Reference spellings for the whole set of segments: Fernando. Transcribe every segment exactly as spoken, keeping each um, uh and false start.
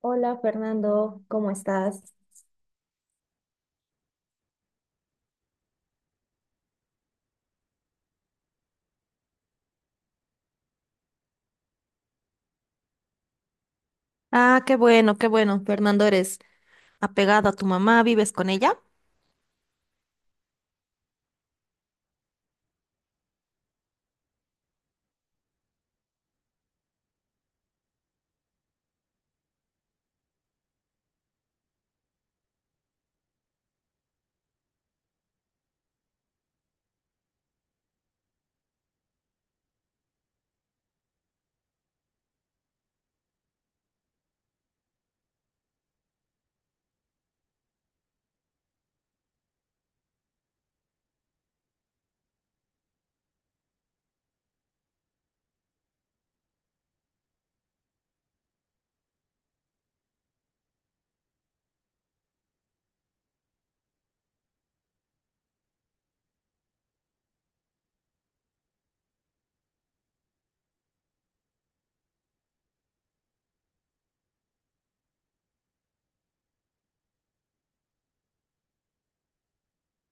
Hola Fernando, ¿cómo estás? Ah, qué bueno, qué bueno. Fernando, eres apegado a tu mamá, ¿vives con ella?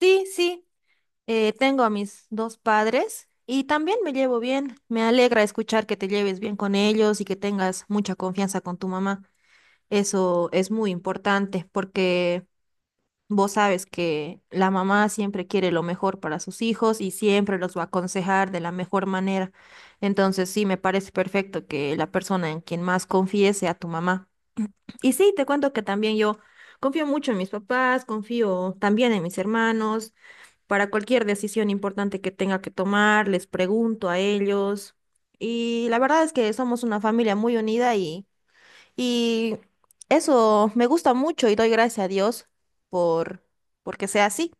Sí, sí. Eh, tengo a mis dos padres y también me llevo bien. Me alegra escuchar que te lleves bien con ellos y que tengas mucha confianza con tu mamá. Eso es muy importante porque vos sabes que la mamá siempre quiere lo mejor para sus hijos y siempre los va a aconsejar de la mejor manera. Entonces, sí, me parece perfecto que la persona en quien más confíes sea tu mamá. Y sí, te cuento que también yo confío mucho en mis papás, confío también en mis hermanos. Para cualquier decisión importante que tenga que tomar, les pregunto a ellos. Y la verdad es que somos una familia muy unida y, y eso me gusta mucho y doy gracias a Dios por porque sea así.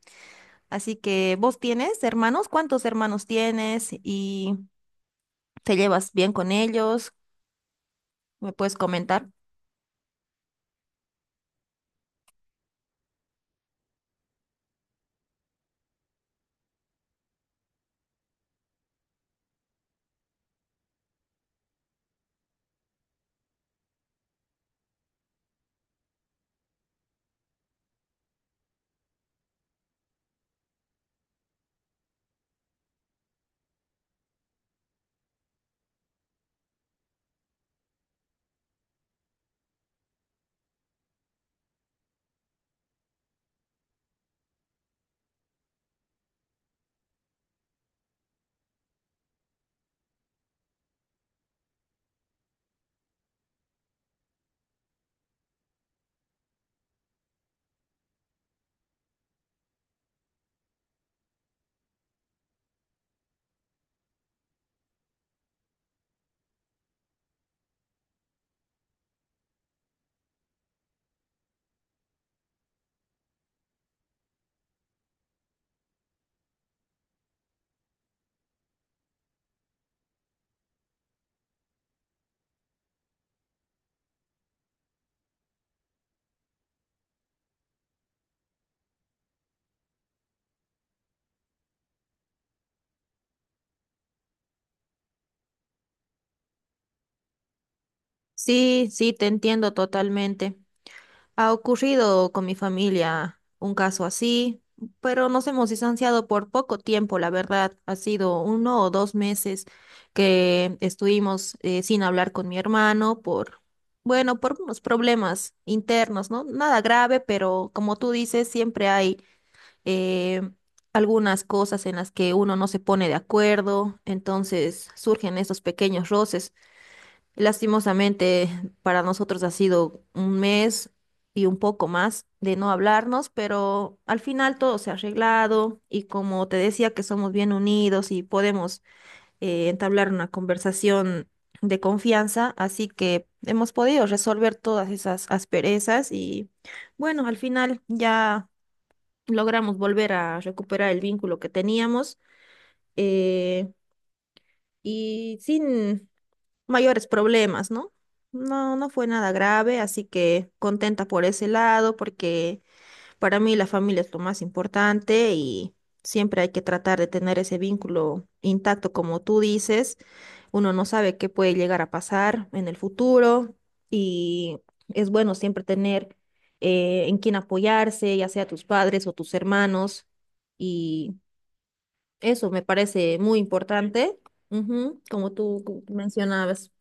Así que vos tienes hermanos, ¿cuántos hermanos tienes y te llevas bien con ellos? ¿Me puedes comentar? Sí, sí, te entiendo totalmente. Ha ocurrido con mi familia un caso así, pero nos hemos distanciado por poco tiempo, la verdad. Ha sido uno o dos meses que estuvimos eh, sin hablar con mi hermano por, bueno, por unos problemas internos, ¿no? Nada grave, pero como tú dices, siempre hay eh, algunas cosas en las que uno no se pone de acuerdo, entonces surgen estos pequeños roces. Lastimosamente, para nosotros ha sido un mes y un poco más de no hablarnos, pero al final todo se ha arreglado y como te decía que somos bien unidos y podemos eh, entablar una conversación de confianza, así que hemos podido resolver todas esas asperezas y bueno, al final ya logramos volver a recuperar el vínculo que teníamos eh, y sin mayores problemas, ¿no? No, no fue nada grave, así que contenta por ese lado, porque para mí la familia es lo más importante y siempre hay que tratar de tener ese vínculo intacto, como tú dices. Uno no sabe qué puede llegar a pasar en el futuro y es bueno siempre tener eh, en quién apoyarse, ya sea tus padres o tus hermanos. Y eso me parece muy importante, ujú, como tú mencionabas.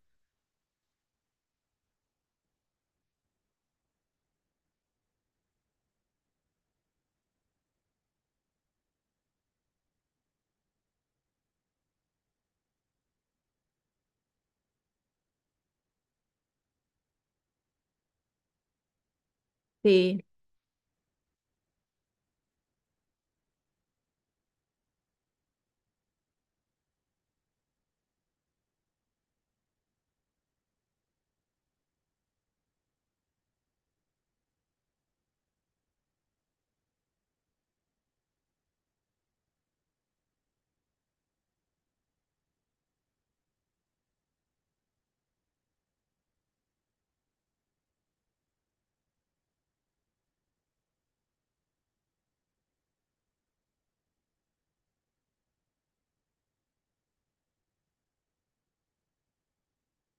Sí.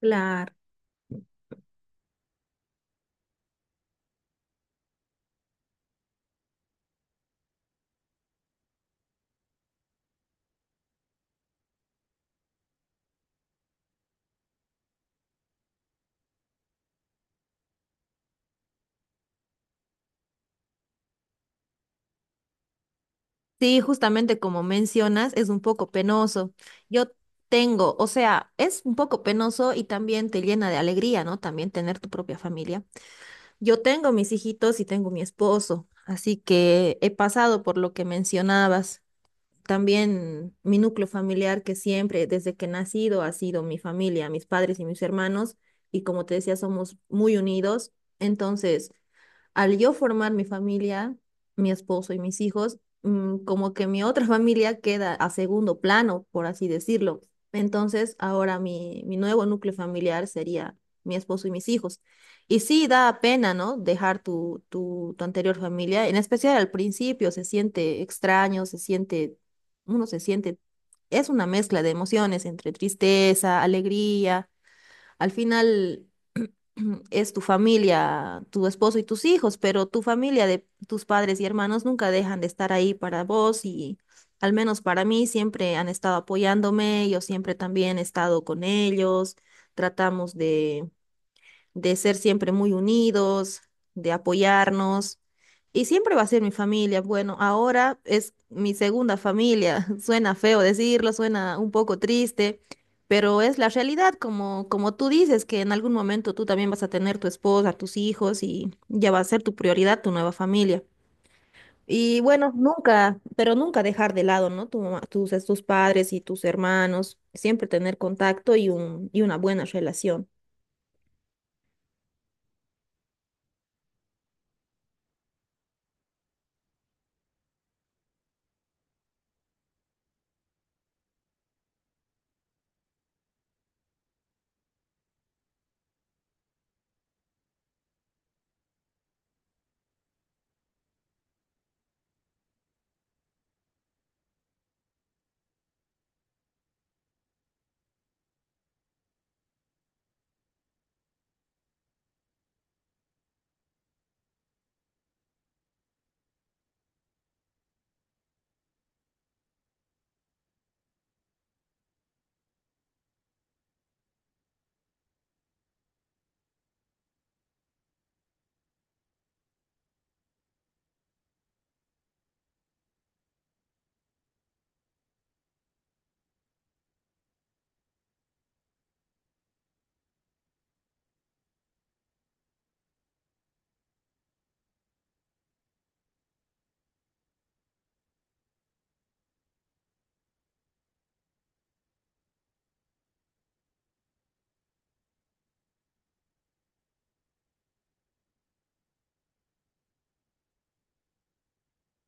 Claro. Sí, justamente como mencionas, es un poco penoso. Yo tengo, o sea, es un poco penoso y también te llena de alegría, ¿no? También tener tu propia familia. Yo tengo mis hijitos y tengo mi esposo, así que he pasado por lo que mencionabas. También mi núcleo familiar que siempre, desde que he nacido, ha sido mi familia, mis padres y mis hermanos, y como te decía, somos muy unidos. Entonces, al yo formar mi familia, mi esposo y mis hijos, mm, como que mi otra familia queda a segundo plano, por así decirlo. Entonces, ahora mi, mi nuevo núcleo familiar sería mi esposo y mis hijos. Y sí, da pena, ¿no? Dejar tu, tu, tu anterior familia, en especial al principio, se siente extraño, se siente uno se siente, es una mezcla de emociones entre tristeza, alegría. Al final es tu familia, tu esposo y tus hijos, pero tu familia de tus padres y hermanos nunca dejan de estar ahí para vos y al menos para mí siempre han estado apoyándome, yo siempre también he estado con ellos, tratamos de de ser siempre muy unidos, de apoyarnos. Y siempre va a ser mi familia. Bueno, ahora es mi segunda familia. Suena feo decirlo, suena un poco triste, pero es la realidad, como, como tú dices, que en algún momento tú también vas a tener tu esposa, tus hijos y ya va a ser tu prioridad, tu nueva familia. Y bueno, nunca, pero nunca dejar de lado, ¿no? Tu mamá- tus, tus padres y tus hermanos, siempre tener contacto y un, y una buena relación.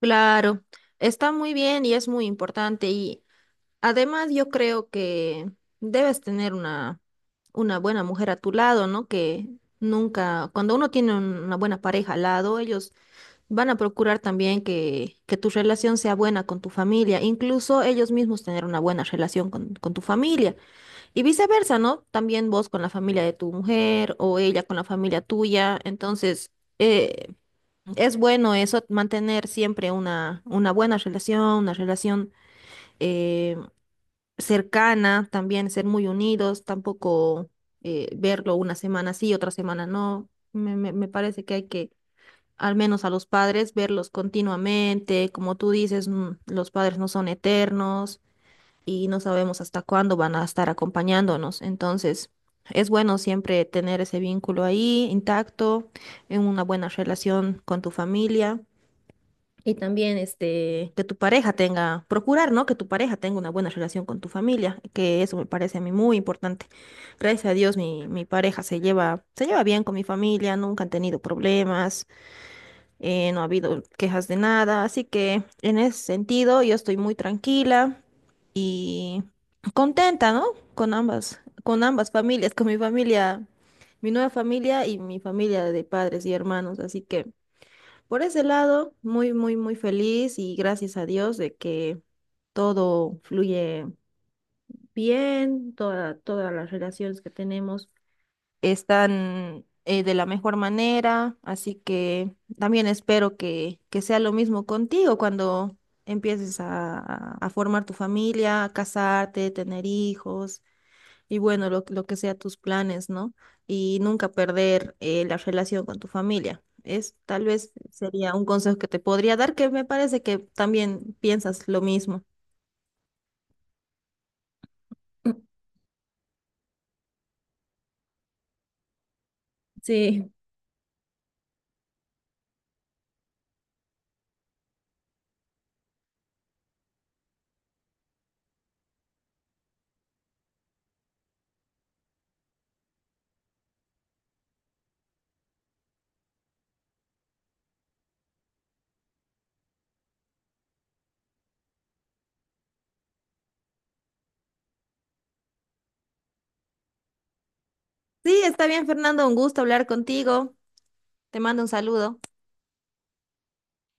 Claro, está muy bien y es muy importante y además yo creo que debes tener una, una buena mujer a tu lado, ¿no? Que nunca, cuando uno tiene un- una buena pareja al lado, ellos van a procurar también que, que tu relación sea buena con tu familia, incluso ellos mismos tener una buena relación con, con tu familia y viceversa, ¿no? También vos con la familia de tu mujer o ella con la familia tuya, entonces... eh, es bueno eso, mantener siempre una, una buena relación, una relación eh, cercana, también ser muy unidos, tampoco eh, verlo una semana sí, otra semana no. Me, me- me parece que hay que, al menos a los padres, verlos continuamente. Como tú dices, mm, los padres no son eternos y no sabemos hasta cuándo van a estar acompañándonos. Entonces, es bueno siempre tener ese vínculo ahí intacto, en una buena relación con tu familia. Y también este, que tu pareja tenga, procurar, ¿no? Que tu pareja tenga una buena relación con tu familia, que eso me parece a mí muy importante. Gracias a Dios mi, mi pareja se lleva, se lleva bien con mi familia, nunca han tenido problemas, eh, no ha habido quejas de nada, así que en ese sentido yo estoy muy tranquila y contenta, ¿no? Con ambas, con ambas familias, con mi familia, mi nueva familia y mi familia de padres y hermanos, así que... Por ese lado, muy, muy, muy feliz y gracias a Dios de que todo fluye bien, toda- todas las relaciones que tenemos están eh, de la mejor manera, así que también espero que, que sea lo mismo contigo cuando empieces a, a a formar tu familia, a casarte, tener hijos. Y bueno, lo, lo que sea tus planes, ¿no? Y nunca perder eh, la relación con tu familia. Es tal vez sería un consejo que te podría dar, que me parece que también piensas lo mismo. Sí. Sí, está bien, Fernando, un gusto hablar contigo. Te mando un saludo.